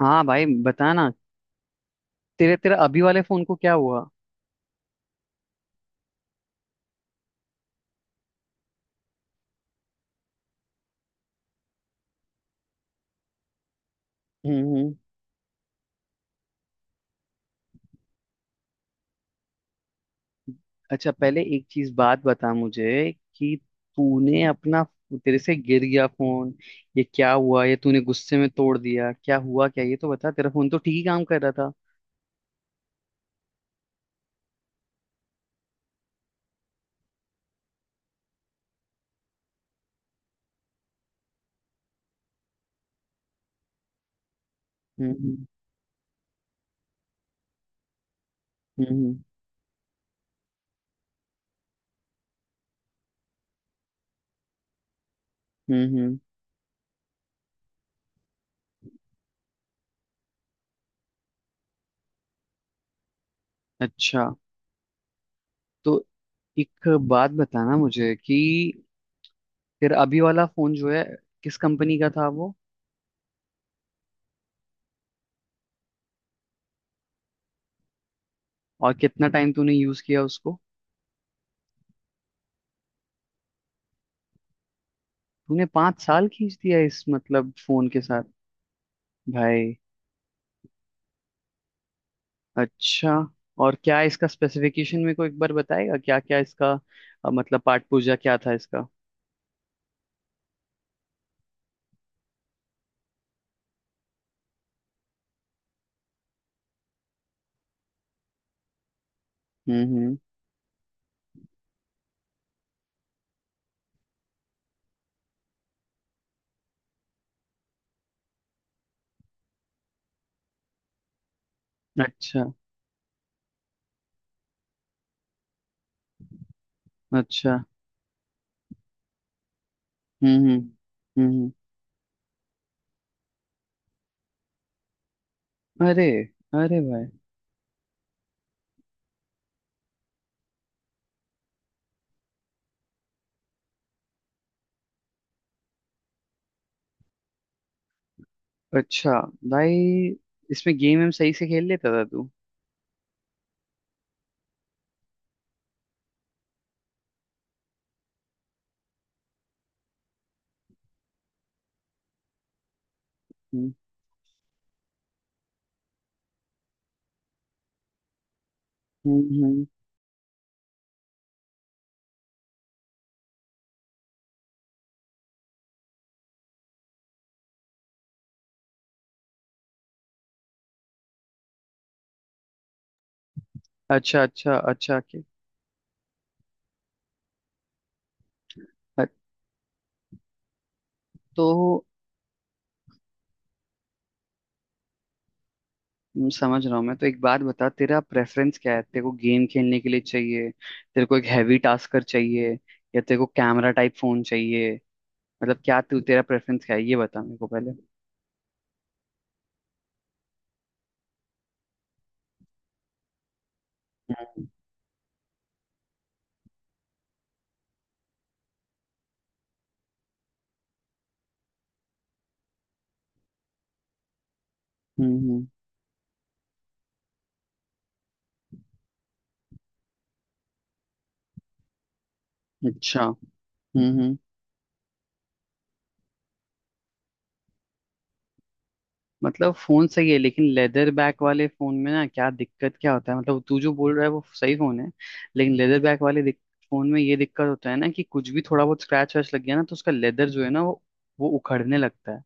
हाँ भाई बता ना। तेरे तेरा अभी वाले फोन को क्या हुआ? हम्म हम्म। अच्छा, पहले एक चीज बात बता मुझे कि तूने अपना, तेरे से गिर गया फोन, ये क्या हुआ? ये तूने गुस्से में तोड़ दिया? क्या हुआ, क्या? ये तो बता, तेरा फोन तो ठीक ही काम कर रहा था। हम्म हम्म हम्म हम्म। अच्छा, तो एक बात बताना मुझे कि तेरा अभी वाला फोन जो है, किस कंपनी का था वो? और कितना टाइम तूने यूज किया उसको? तूने 5 साल खींच दिया इस मतलब फोन के साथ भाई। अच्छा, और क्या इसका स्पेसिफिकेशन मेरे को एक बार बताएगा, क्या क्या इसका? मतलब पाठ पूजा क्या था इसका? हम्म। अच्छा, अच्छा। हम्म हम्म हम्म अरे, अरे भाई। अच्छा भाई, इसमें गेम हम सही से खेल लेता था तू? हम्म हम्म हम्म। अच्छा अच्छा अच्छा के। अ- तो, समझ रहा हूँ मैं। तो एक बात बता, तेरा प्रेफरेंस क्या है? तेरे को गेम खेलने के लिए चाहिए, तेरे को एक हैवी टास्कर चाहिए, या तेरे को कैमरा टाइप फोन चाहिए? मतलब क्या तू, तेरा प्रेफरेंस क्या है ये बता मेरे को पहले। हम्म। अच्छा। हम्म। मतलब फोन सही है, लेकिन लेदर बैक वाले फोन में ना, क्या दिक्कत क्या होता है? मतलब तू जो बोल रहा है वो सही फोन है, लेकिन लेदर बैक वाले फोन में ये दिक्कत होता है ना कि कुछ भी थोड़ा बहुत स्क्रैच वैच लग गया ना, तो उसका लेदर जो है ना, वो उखड़ने लगता है।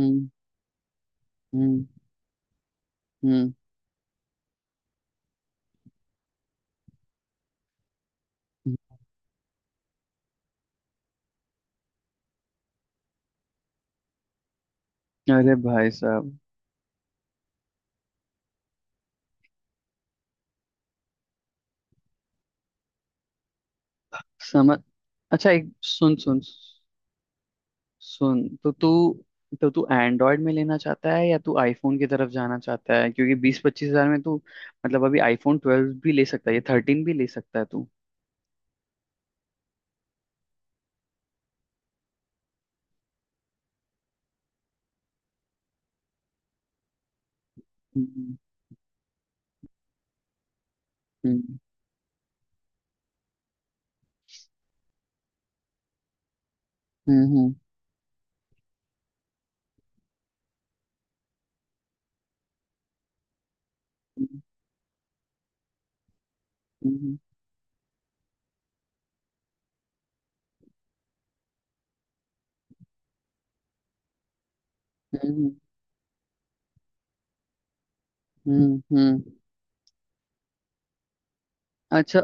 हम्म हम्म हम्म अरे भाई साहब, समझ। अच्छा, एक, सुन सुन सुन, तो तू एंड्रॉयड में लेना चाहता है, या तू आईफोन की तरफ जाना चाहता है? क्योंकि 20-25 हजार में तू, मतलब अभी आईफोन ट्वेल्व भी ले सकता है, या थर्टीन भी ले सकता है तू। हम्म हम्म हम्म हम्म हम्म हम्म, हम्म। अच्छा,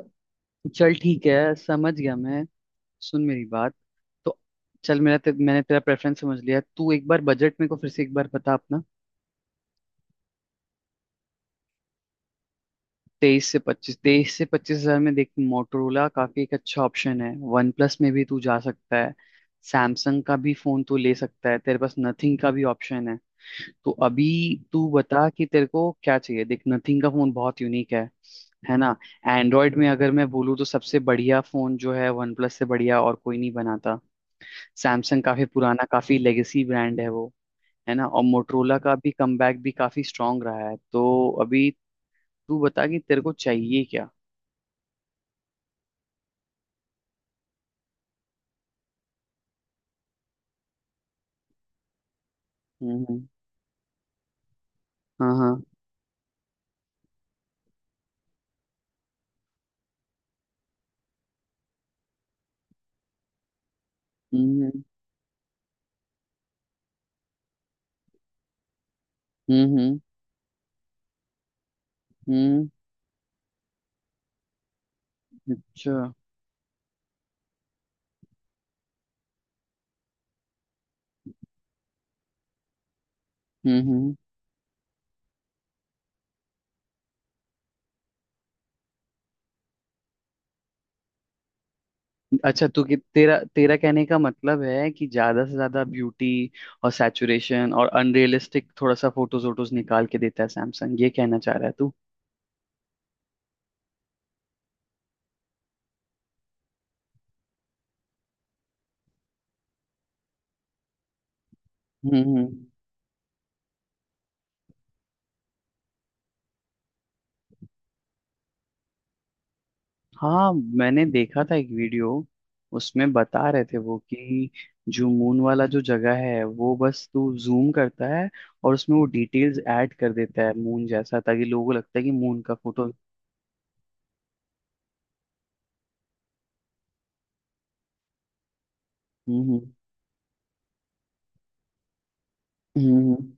चल ठीक है, समझ गया मैं। सुन मेरी बात, तो चल, मेरा मैंने तेरा प्रेफरेंस समझ लिया, तू एक बार बजट मेरे को फिर से एक बार बता अपना। तेईस से पच्चीस हजार में देख, मोटोरोला काफी एक अच्छा ऑप्शन है, वन प्लस में भी तू जा सकता है, सैमसंग का भी फोन तू ले सकता है, तेरे पास नथिंग का भी ऑप्शन है। तो अभी तू बता कि तेरे को क्या चाहिए। देख, नथिंग का फोन बहुत यूनिक है ना। एंड्रॉयड में अगर मैं बोलूँ, तो सबसे बढ़िया फोन जो है, वन प्लस से बढ़िया और कोई नहीं बनाता। सैमसंग काफी पुराना, काफी लेगेसी ब्रांड है वो, है ना। और मोटरोला का भी कमबैक भी काफी स्ट्रांग रहा है। तो अभी तू बता कि तेरे को चाहिए क्या। हम्म। हाँ हाँ। हम्म हम्म हम्म हम्म। अच्छा। हम्म। अच्छा, तू कि तेरा तेरा कहने का मतलब है कि ज्यादा से ज्यादा ब्यूटी और सैचुरेशन और अनरियलिस्टिक थोड़ा सा फोटोज वोटोज निकाल के देता है सैमसंग, ये कहना चाह रहा है तू? हम्म। हाँ, मैंने देखा था एक वीडियो। उसमें बता रहे थे वो कि जो मून वाला जो जगह है, वो बस तू जूम करता है, और उसमें वो डिटेल्स ऐड कर देता है मून जैसा, ताकि लोगों को लगता है कि मून का फोटो। हम्म हम्म हम्म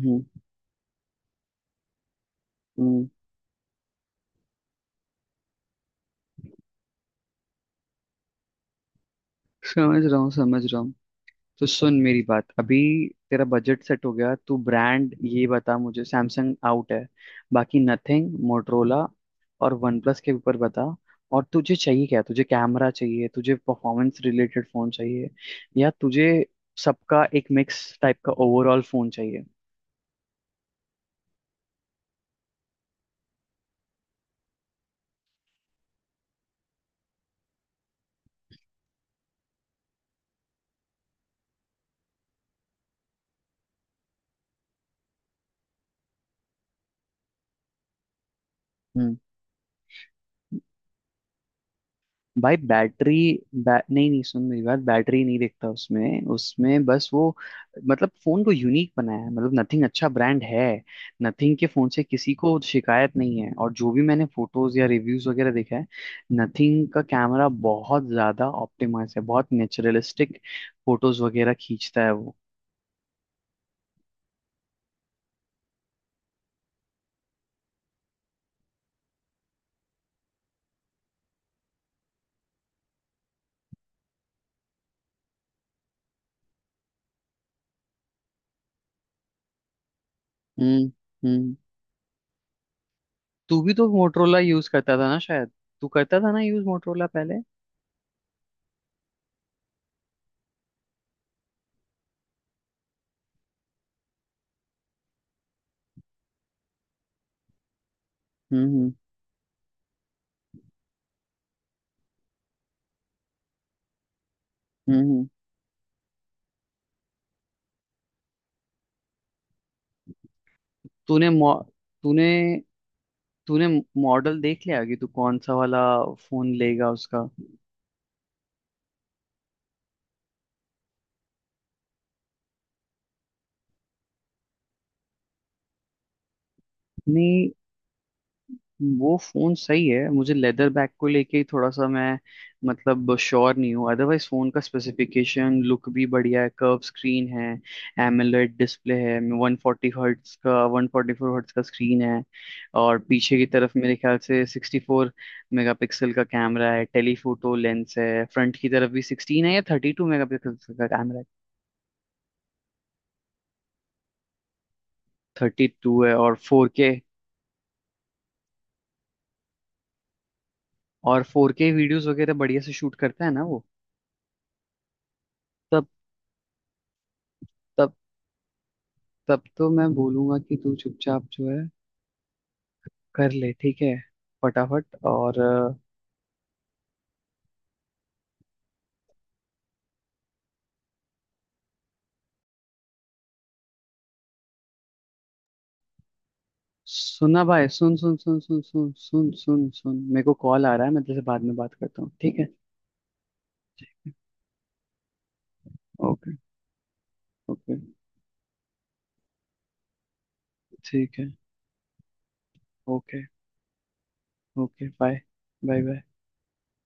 हम्म। हम्म, समझ रहा हूँ, समझ रहा हूँ। तो सुन मेरी बात, अभी तेरा बजट सेट हो गया, तू ब्रांड ये बता मुझे, सैमसंग आउट है, बाकी नथिंग, मोटरोला और वन प्लस के ऊपर बता। और तुझे चाहिए क्या? तुझे कैमरा चाहिए, तुझे परफॉर्मेंस रिलेटेड फोन चाहिए, या तुझे सबका एक मिक्स टाइप का ओवरऑल फोन चाहिए? हम्म। भाई बैटरी, नहीं नहीं, सुन मेरी बात, बैटरी नहीं देखता उसमें उसमें बस वो, मतलब फोन को यूनिक बनाया है, मतलब नथिंग अच्छा ब्रांड है। नथिंग के फोन से किसी को शिकायत नहीं है, और जो भी मैंने फोटोज या रिव्यूज वगैरह देखा है, नथिंग का कैमरा बहुत ज्यादा ऑप्टिमाइज है, बहुत नेचुरलिस्टिक फोटोज वगैरह खींचता है वो। हम्म हम्म। तू भी तो मोटरोला यूज करता था ना शायद? तू करता था ना यूज मोटरोला पहले? हम्म हम्म हम्म, हम्म। तूने मो- तूने तूने मॉडल देख लिया कि तू कौन सा वाला फोन लेगा उसका? नहीं, वो फोन सही है, मुझे लेदर बैक को लेके ही थोड़ा सा मैं, मतलब श्योर नहीं हूँ। अदरवाइज फोन का स्पेसिफिकेशन, लुक भी बढ़िया है, कर्व स्क्रीन है, एमोलेड डिस्प्ले है, 140 हर्ट्स का, 144 हर्ट्स का स्क्रीन है। और पीछे की तरफ मेरे ख्याल से 64 मेगापिक्सल का कैमरा है, टेलीफोटो लेंस है, फ्रंट की तरफ भी 16 है या 32 मेगापिक्सल का कैमरा है। 32 है। और 4K, और फोर के वीडियोस वगैरह बढ़िया से शूट करता है ना वो? तब तब तब तो मैं बोलूंगा कि तू चुपचाप जो है कर ले, ठीक है, फटाफट। और सुना भाई, सुन सुन सुन सुन सुन सुन सुन सुन, मेरे को कॉल आ रहा है, मैं तुझसे बाद में बात करता हूँ, ठीक है? ओके, ओके, ठीक है। Okay. Okay, bye bye bye.